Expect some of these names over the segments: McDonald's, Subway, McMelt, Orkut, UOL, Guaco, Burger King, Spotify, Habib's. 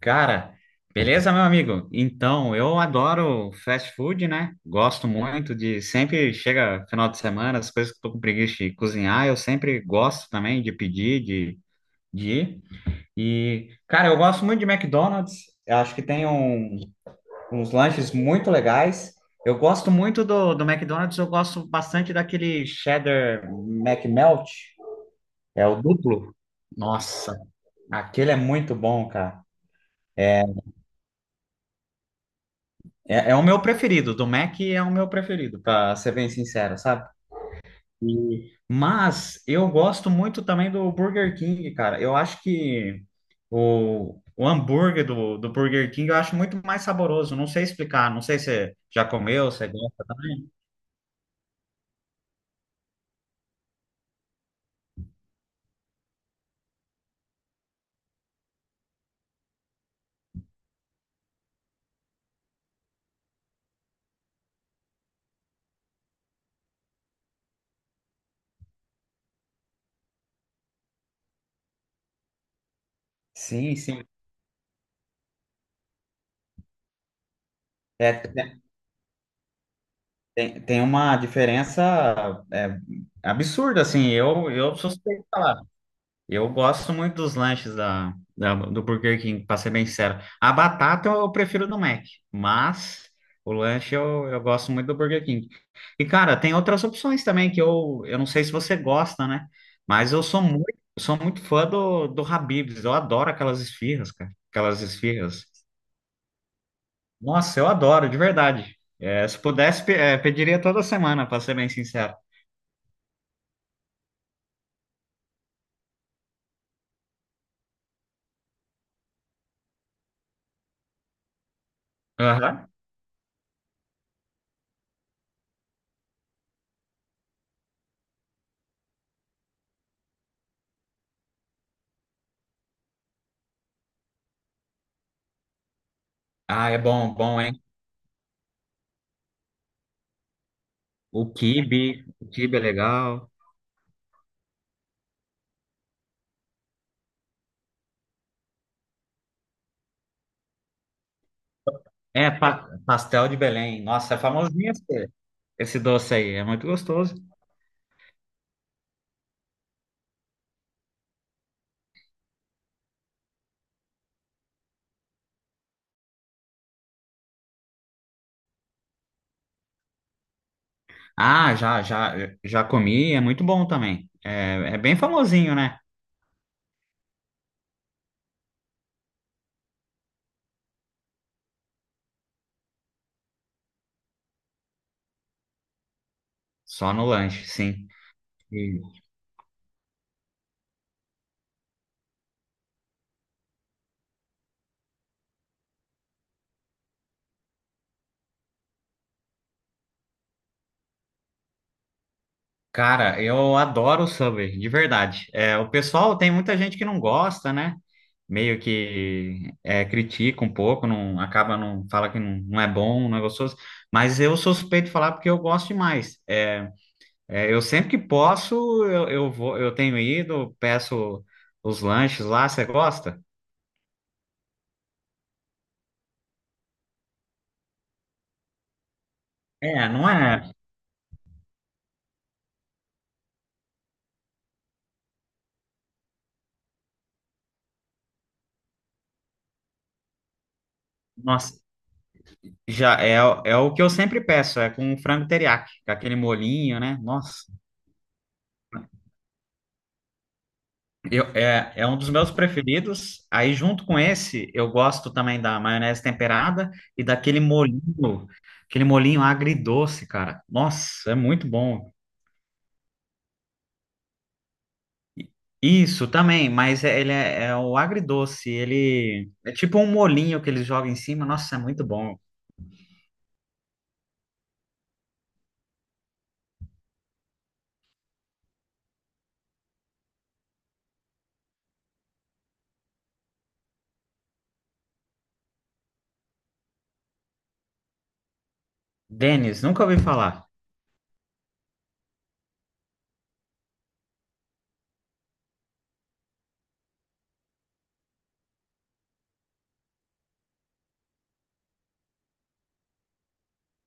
Cara, beleza, meu amigo? Então, eu adoro fast food, né? Gosto muito de. Sempre chega final de semana, as coisas que eu tô com preguiça de cozinhar, eu sempre gosto também de pedir, de ir. E, cara, eu gosto muito de McDonald's. Eu acho que tem uns lanches muito legais. Eu gosto muito do McDonald's, eu gosto bastante daquele cheddar McMelt, é o duplo. Nossa, aquele é muito bom, cara. É, é o meu preferido, do Mac é o meu preferido, para ser bem sincero, sabe? Mas eu gosto muito também do Burger King, cara. Eu acho que o hambúrguer do Burger King eu acho muito mais saboroso. Não sei explicar, não sei se você já comeu, você gosta também. Sim, sim. É, tem tem uma diferença é, absurda, assim. Eu suspeito de falar. Eu gosto muito dos lanches do Burger King, para ser bem sincero. A batata eu prefiro do Mac, mas o lanche eu gosto muito do Burger King. E, cara, tem outras opções também que eu não sei se você gosta, né? Mas eu sou muito fã do Habib's. Eu adoro aquelas esfirras, cara. Aquelas esfirras. Nossa, eu adoro, de verdade. É, se pudesse, pediria toda semana, para ser bem sincero. Aham. Ah, é bom, bom, hein? O quibe é legal. É, pastel de Belém. Nossa, é famosinho esse, esse doce aí. É muito gostoso. Ah, já comi. É muito bom também. É, é bem famosinho, né? Só no lanche, sim. E, cara, eu adoro o Subway, de verdade. É, o pessoal, tem muita gente que não gosta, né? Meio que é, critica um pouco, não acaba, não fala que não, não é bom, não é gostoso. Mas eu sou suspeito de falar porque eu gosto demais. Eu sempre que posso, eu vou, eu tenho ido, peço os lanches lá, você gosta? É, não é? Nossa, já é, é o que eu sempre peço, é com frango teriyaki, com aquele molinho, né? Nossa, é um dos meus preferidos. Aí, junto com esse, eu gosto também da maionese temperada e daquele molinho, aquele molinho agridoce, cara. Nossa, é muito bom. Isso também, mas ele é, é o agridoce, ele é tipo um molinho que eles jogam em cima. Nossa, é muito bom. Denis, nunca ouvi falar.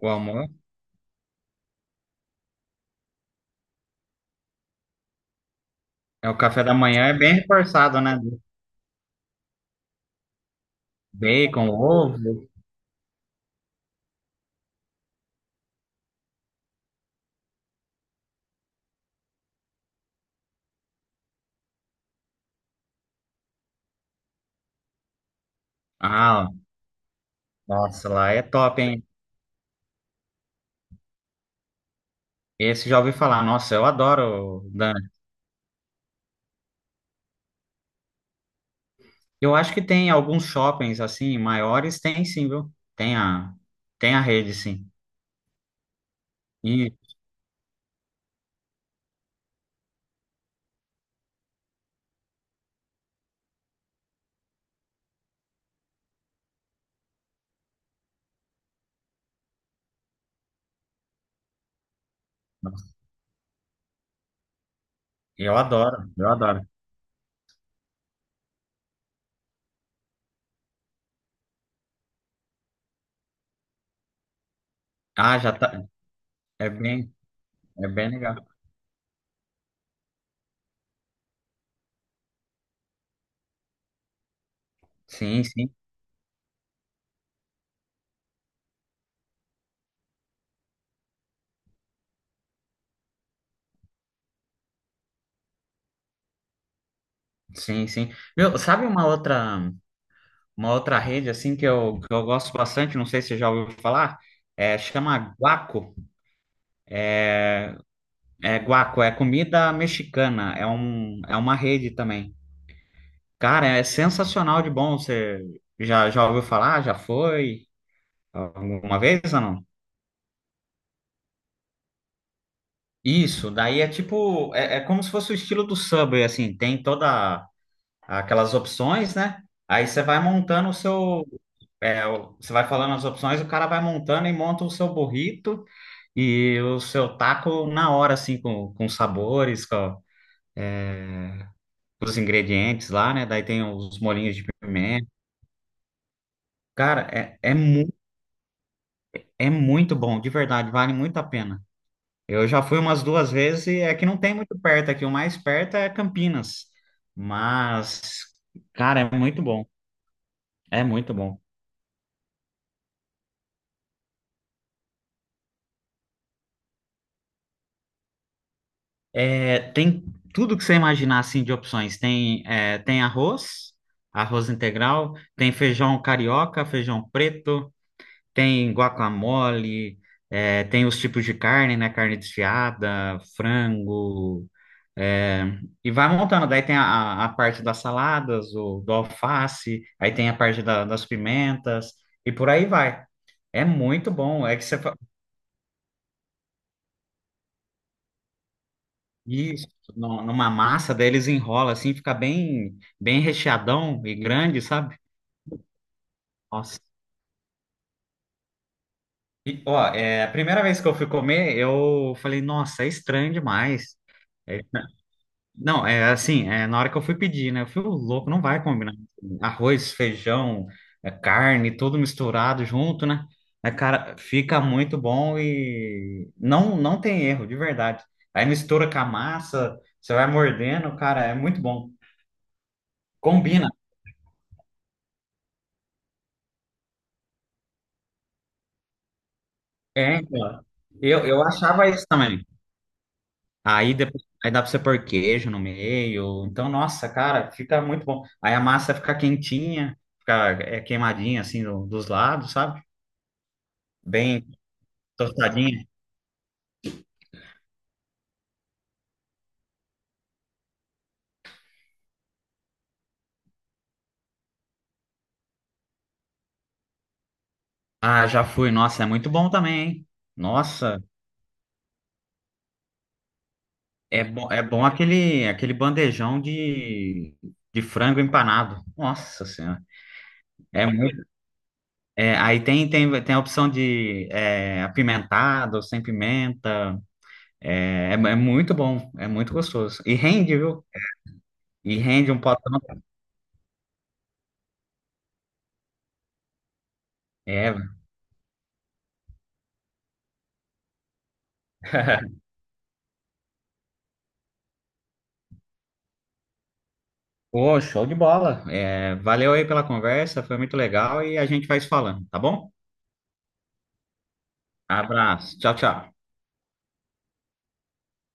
O almoço, é o café da manhã é bem reforçado, né? Bacon, ovo. Ah, nossa, lá é top, hein? Esse já ouvi falar. Nossa, eu adoro, Dani. Eu acho que tem alguns shoppings assim maiores, tem sim, viu? Tem a tem a rede, sim. E eu adoro, eu adoro. Ah, já tá. É bem, é bem legal. Sim, sim. Sim, sim. Viu, sabe uma outra rede assim que eu gosto bastante, não sei se você já ouviu falar, é, chama Guaco. É Guaco, é comida mexicana, é um, é uma rede também. Cara, é sensacional de bom. Você já ouviu falar? Já foi? Alguma vez ou não? Isso, daí é tipo, é, é como se fosse o estilo do Subway, assim, tem toda aquelas opções, né? Aí você vai montando o seu, é, você vai falando as opções, o cara vai montando e monta o seu burrito e o seu taco na hora, assim, com os sabores, com, é, os ingredientes lá, né? Daí tem os molhinhos de pimenta. Cara, é, é, mu é muito bom, de verdade, vale muito a pena. Eu já fui umas duas vezes e é que não tem muito perto aqui, o mais perto é Campinas. Mas, cara, é muito bom, é muito bom. É, tem tudo que você imaginar assim de opções. Tem, é, tem arroz, arroz integral, tem feijão carioca, feijão preto, tem guacamole, é, tem os tipos de carne, né? Carne desfiada, frango, é, e vai montando. Daí tem a parte das saladas, o, do alface, aí tem a parte das pimentas, e por aí vai. É muito bom. É que você, isso, numa massa, daí eles enrolam assim, fica bem, bem recheadão e grande, sabe? Nossa. E, ó, é, a primeira vez que eu fui comer, eu falei, nossa, é estranho demais. É, não, é assim, é, na hora que eu fui pedir, né? Eu fui "Ô, louco, não vai combinar. Arroz, feijão, é, carne, tudo misturado junto, né? É, cara, fica muito bom e não, não tem erro, de verdade. Aí mistura com a massa, você vai mordendo, cara, é muito bom. Combina. É, então. Eu achava isso também. Aí depois, aí dá pra você pôr queijo no meio. Então, nossa, cara, fica muito bom. Aí a massa fica quentinha, fica é, queimadinha assim dos lados, sabe? Bem tostadinha. Ah, já fui. Nossa, é muito bom também, hein? Nossa, é bom aquele aquele bandejão de frango empanado. Nossa Senhora. É muito, é, aí tem, tem a opção de é, apimentado, sem pimenta. É, é é muito bom, é muito gostoso. E rende, viu? E rende um potão. É. Pô, show de bola. É, valeu aí pela conversa, foi muito legal e a gente vai se falando, tá bom? Abraço. Tchau, tchau.